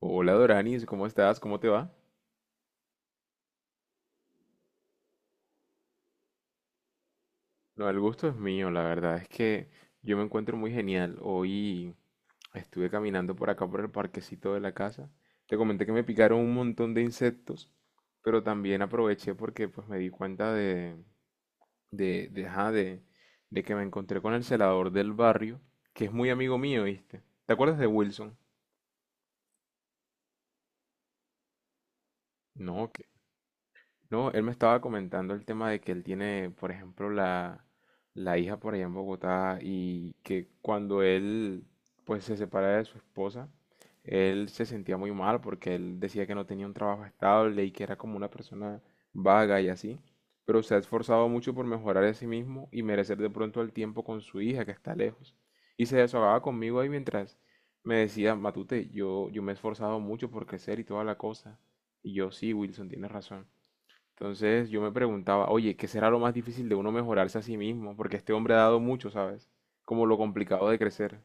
Hola Doranis, ¿cómo estás? ¿Cómo te va? No, el gusto es mío, la verdad es que yo me encuentro muy genial. Hoy estuve caminando por acá por el parquecito de la casa. Te comenté que me picaron un montón de insectos, pero también aproveché porque pues me di cuenta de, de, ajá, de, de que me encontré con el celador del barrio, que es muy amigo mío, ¿viste? ¿Te acuerdas de Wilson? No, ok. No, él me estaba comentando el tema de que él tiene, por ejemplo, la hija por allá en Bogotá y que cuando él pues se separa de su esposa, él se sentía muy mal porque él decía que no tenía un trabajo estable y que era como una persona vaga y así, pero se ha esforzado mucho por mejorar a sí mismo y merecer de pronto el tiempo con su hija que está lejos. Y se desahogaba conmigo ahí mientras me decía, Matute, yo me he esforzado mucho por crecer y toda la cosa. Y yo, sí, Wilson, tienes razón. Entonces yo me preguntaba, oye, ¿qué será lo más difícil de uno mejorarse a sí mismo? Porque este hombre ha dado mucho, ¿sabes? Como lo complicado de crecer.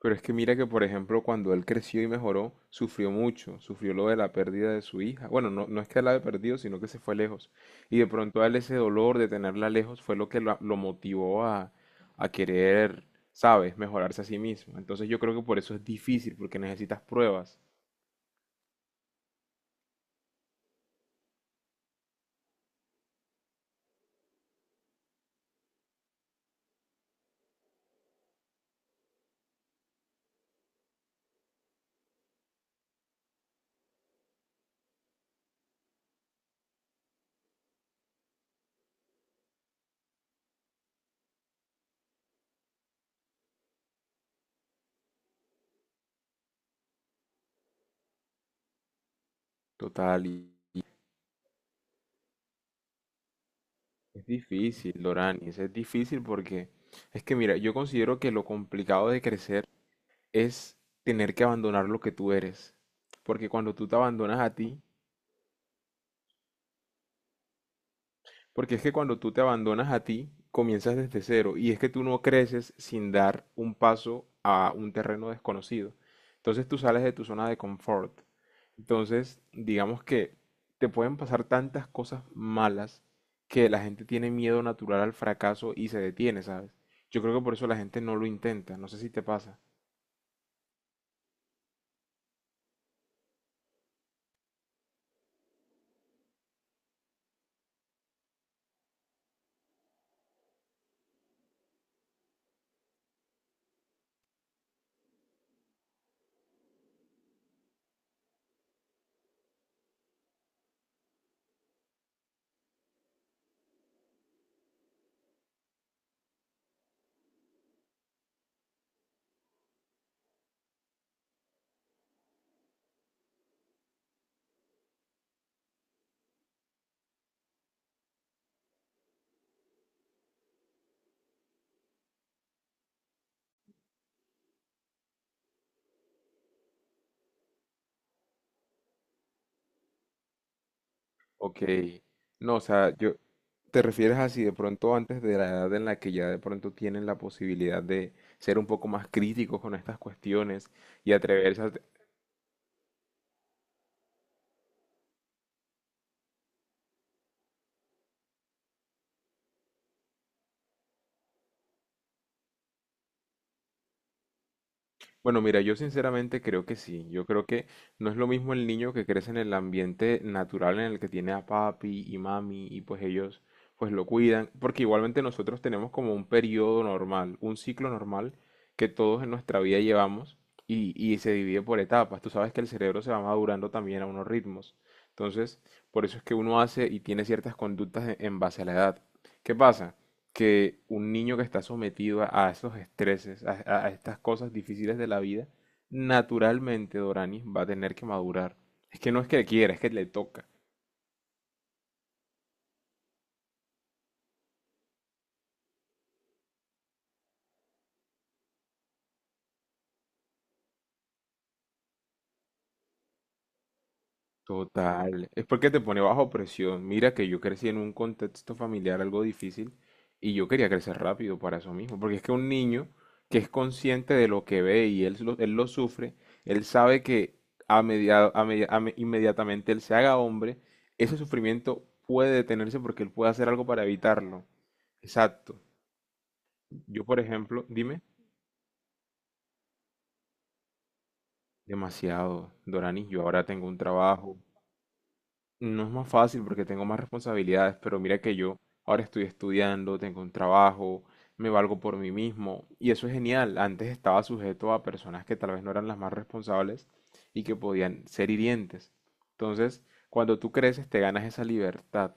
Pero es que mira que, por ejemplo, cuando él creció y mejoró, sufrió mucho, sufrió lo de la pérdida de su hija. Bueno, no, no es que la haya perdido, sino que se fue lejos. Y de pronto a él ese dolor de tenerla lejos fue lo que lo motivó a querer, ¿sabes?, mejorarse a sí mismo. Entonces yo creo que por eso es difícil, porque necesitas pruebas. Total. Y es difícil, Doranis, es difícil porque es que mira, yo considero que lo complicado de crecer es tener que abandonar lo que tú eres. Porque cuando tú te abandonas a ti, porque es que cuando tú te abandonas a ti, comienzas desde cero. Y es que tú no creces sin dar un paso a un terreno desconocido. Entonces tú sales de tu zona de confort. Entonces, digamos que te pueden pasar tantas cosas malas que la gente tiene miedo natural al fracaso y se detiene, ¿sabes? Yo creo que por eso la gente no lo intenta. No sé si te pasa. Ok, no, o sea, yo, ¿te refieres a si de pronto antes de la edad en la que ya de pronto tienen la posibilidad de ser un poco más críticos con estas cuestiones y atreverse a... Bueno, mira, yo sinceramente creo que sí. Yo creo que no es lo mismo el niño que crece en el ambiente natural en el que tiene a papi y mami y pues ellos pues lo cuidan, porque igualmente nosotros tenemos como un periodo normal, un ciclo normal que todos en nuestra vida llevamos y se divide por etapas. Tú sabes que el cerebro se va madurando también a unos ritmos. Entonces, por eso es que uno hace y tiene ciertas conductas en base a la edad. ¿Qué pasa? Que un niño que está sometido a esos estreses, a, a estas cosas difíciles de la vida, naturalmente Doranis va a tener que madurar. Es que no es que le quiera, es que le toca. Total, es porque te pone bajo presión. Mira que yo crecí en un contexto familiar algo difícil y yo quería crecer rápido para eso mismo, porque es que un niño que es consciente de lo que ve y él lo sufre, él sabe que a media- a media- a me- inmediatamente él se haga hombre, ese sufrimiento puede detenerse porque él puede hacer algo para evitarlo. Exacto. Yo, por ejemplo, dime, demasiado, Doranis, yo ahora tengo un trabajo. No es más fácil porque tengo más responsabilidades, pero mira que yo ahora estoy estudiando, tengo un trabajo, me valgo por mí mismo y eso es genial. Antes estaba sujeto a personas que tal vez no eran las más responsables y que podían ser hirientes. Entonces, cuando tú creces, te ganas esa libertad.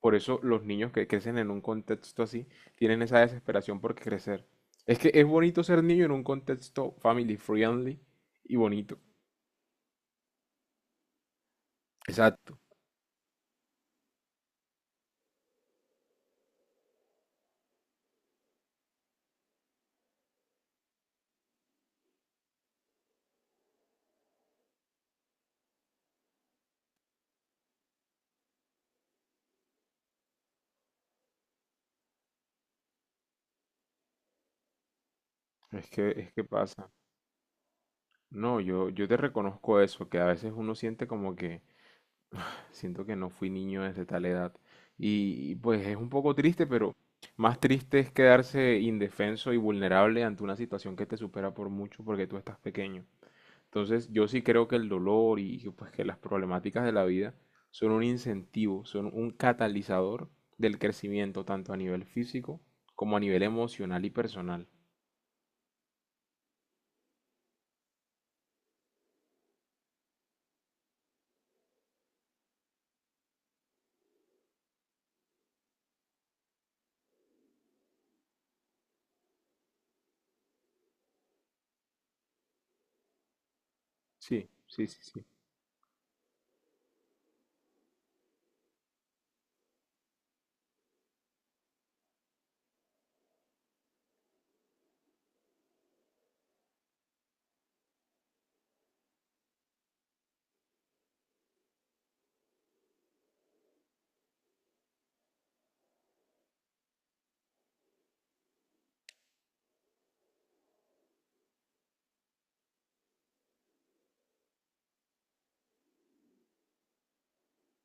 Por eso los niños que crecen en un contexto así tienen esa desesperación por crecer. Es que es bonito ser niño en un contexto family friendly y bonito. Exacto. Es que pasa. No, yo te reconozco eso, que a veces uno siente como que siento que no fui niño desde tal edad. Y, y pues es un poco triste, pero más triste es quedarse indefenso y vulnerable ante una situación que te supera por mucho porque tú estás pequeño. Entonces yo sí creo que el dolor y que, pues que las problemáticas de la vida son un incentivo, son un catalizador del crecimiento tanto a nivel físico como a nivel emocional y personal. Sí, sí, sí, sí.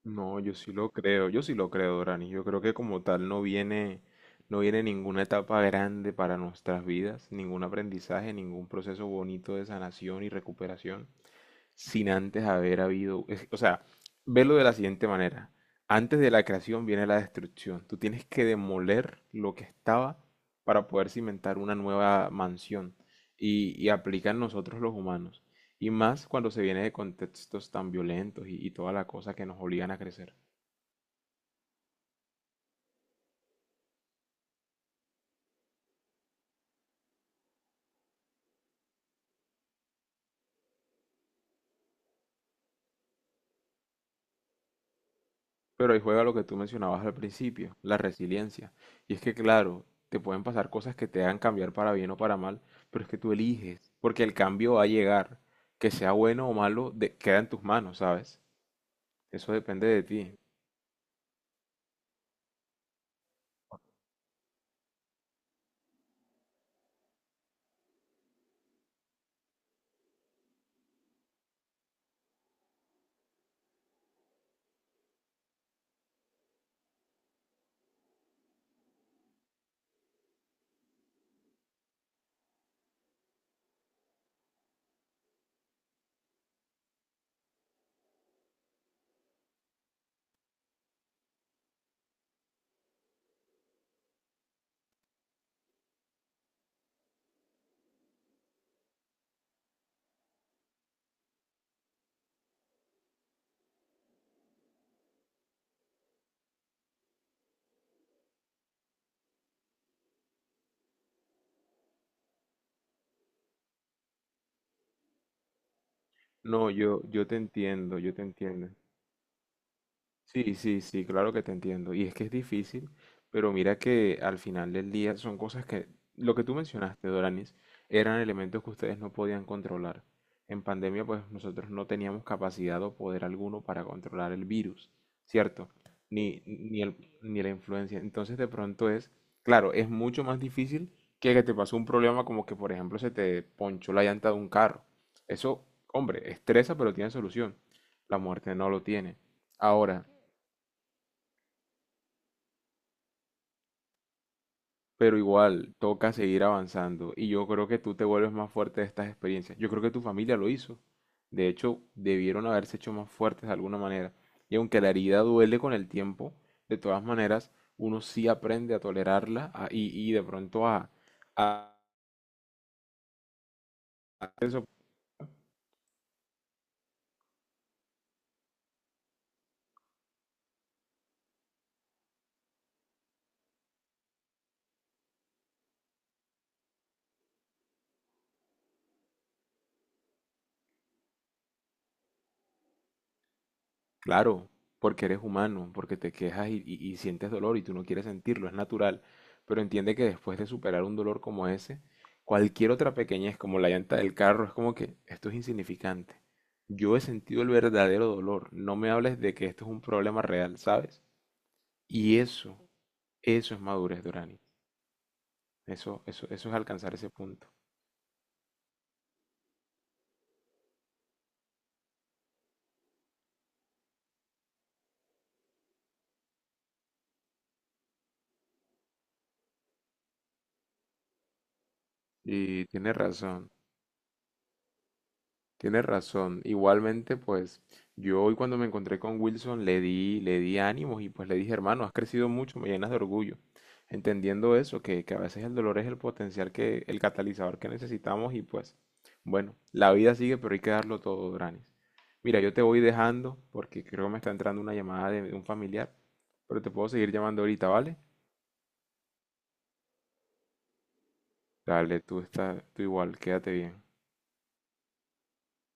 No, yo sí lo creo, yo sí lo creo, Dorani. Yo creo que como tal no viene, no viene ninguna etapa grande para nuestras vidas, ningún aprendizaje, ningún proceso bonito de sanación y recuperación sin antes haber habido, o sea, velo de la siguiente manera. Antes de la creación viene la destrucción. Tú tienes que demoler lo que estaba para poder cimentar una nueva mansión. Y aplica nosotros los humanos. Y más cuando se viene de contextos tan violentos y toda la cosa que nos obligan a crecer. Pero ahí juega lo que tú mencionabas al principio, la resiliencia. Y es que, claro, te pueden pasar cosas que te hagan cambiar para bien o para mal, pero es que tú eliges, porque el cambio va a llegar. Que sea bueno o malo, queda en tus manos, ¿sabes? Eso depende de ti. No, yo te entiendo, yo te entiendo. Sí, sí, sí, claro que te entiendo. Y es que es difícil, pero mira que al final del día son cosas que, lo que tú mencionaste, Doranis, eran elementos que ustedes no podían controlar. En pandemia, pues nosotros no teníamos capacidad o poder alguno para controlar el virus, ¿cierto? Ni, ni el, ni la influencia. Entonces, de pronto es, claro, es mucho más difícil que te pasó un problema como que, por ejemplo, se te ponchó la llanta de un carro. Eso, hombre, estresa, pero tiene solución. La muerte no lo tiene. Ahora, pero igual, toca seguir avanzando. Y yo creo que tú te vuelves más fuerte de estas experiencias. Yo creo que tu familia lo hizo. De hecho, debieron haberse hecho más fuertes de alguna manera. Y aunque la herida duele con el tiempo, de todas maneras, uno sí aprende a tolerarla y de pronto a, a... Claro, porque eres humano, porque te quejas y, y sientes dolor y tú no quieres sentirlo, es natural. Pero entiende que después de superar un dolor como ese, cualquier otra pequeñez, como la llanta del carro, es como que esto es insignificante. Yo he sentido el verdadero dolor. No me hables de que esto es un problema real, ¿sabes? Y eso es madurez, Dorani. Eso es alcanzar ese punto. Y tienes razón. Tienes razón. Igualmente, pues yo hoy cuando me encontré con Wilson le di ánimos y pues le dije, hermano, has crecido mucho, me llenas de orgullo. Entendiendo eso, que a veces el dolor es el potencial que, el catalizador que necesitamos y pues, bueno, la vida sigue, pero hay que darlo todo, Dranis. Mira, yo te voy dejando porque creo que me está entrando una llamada de un familiar, pero te puedo seguir llamando ahorita, ¿vale? Dale, tú está, tú igual, quédate bien.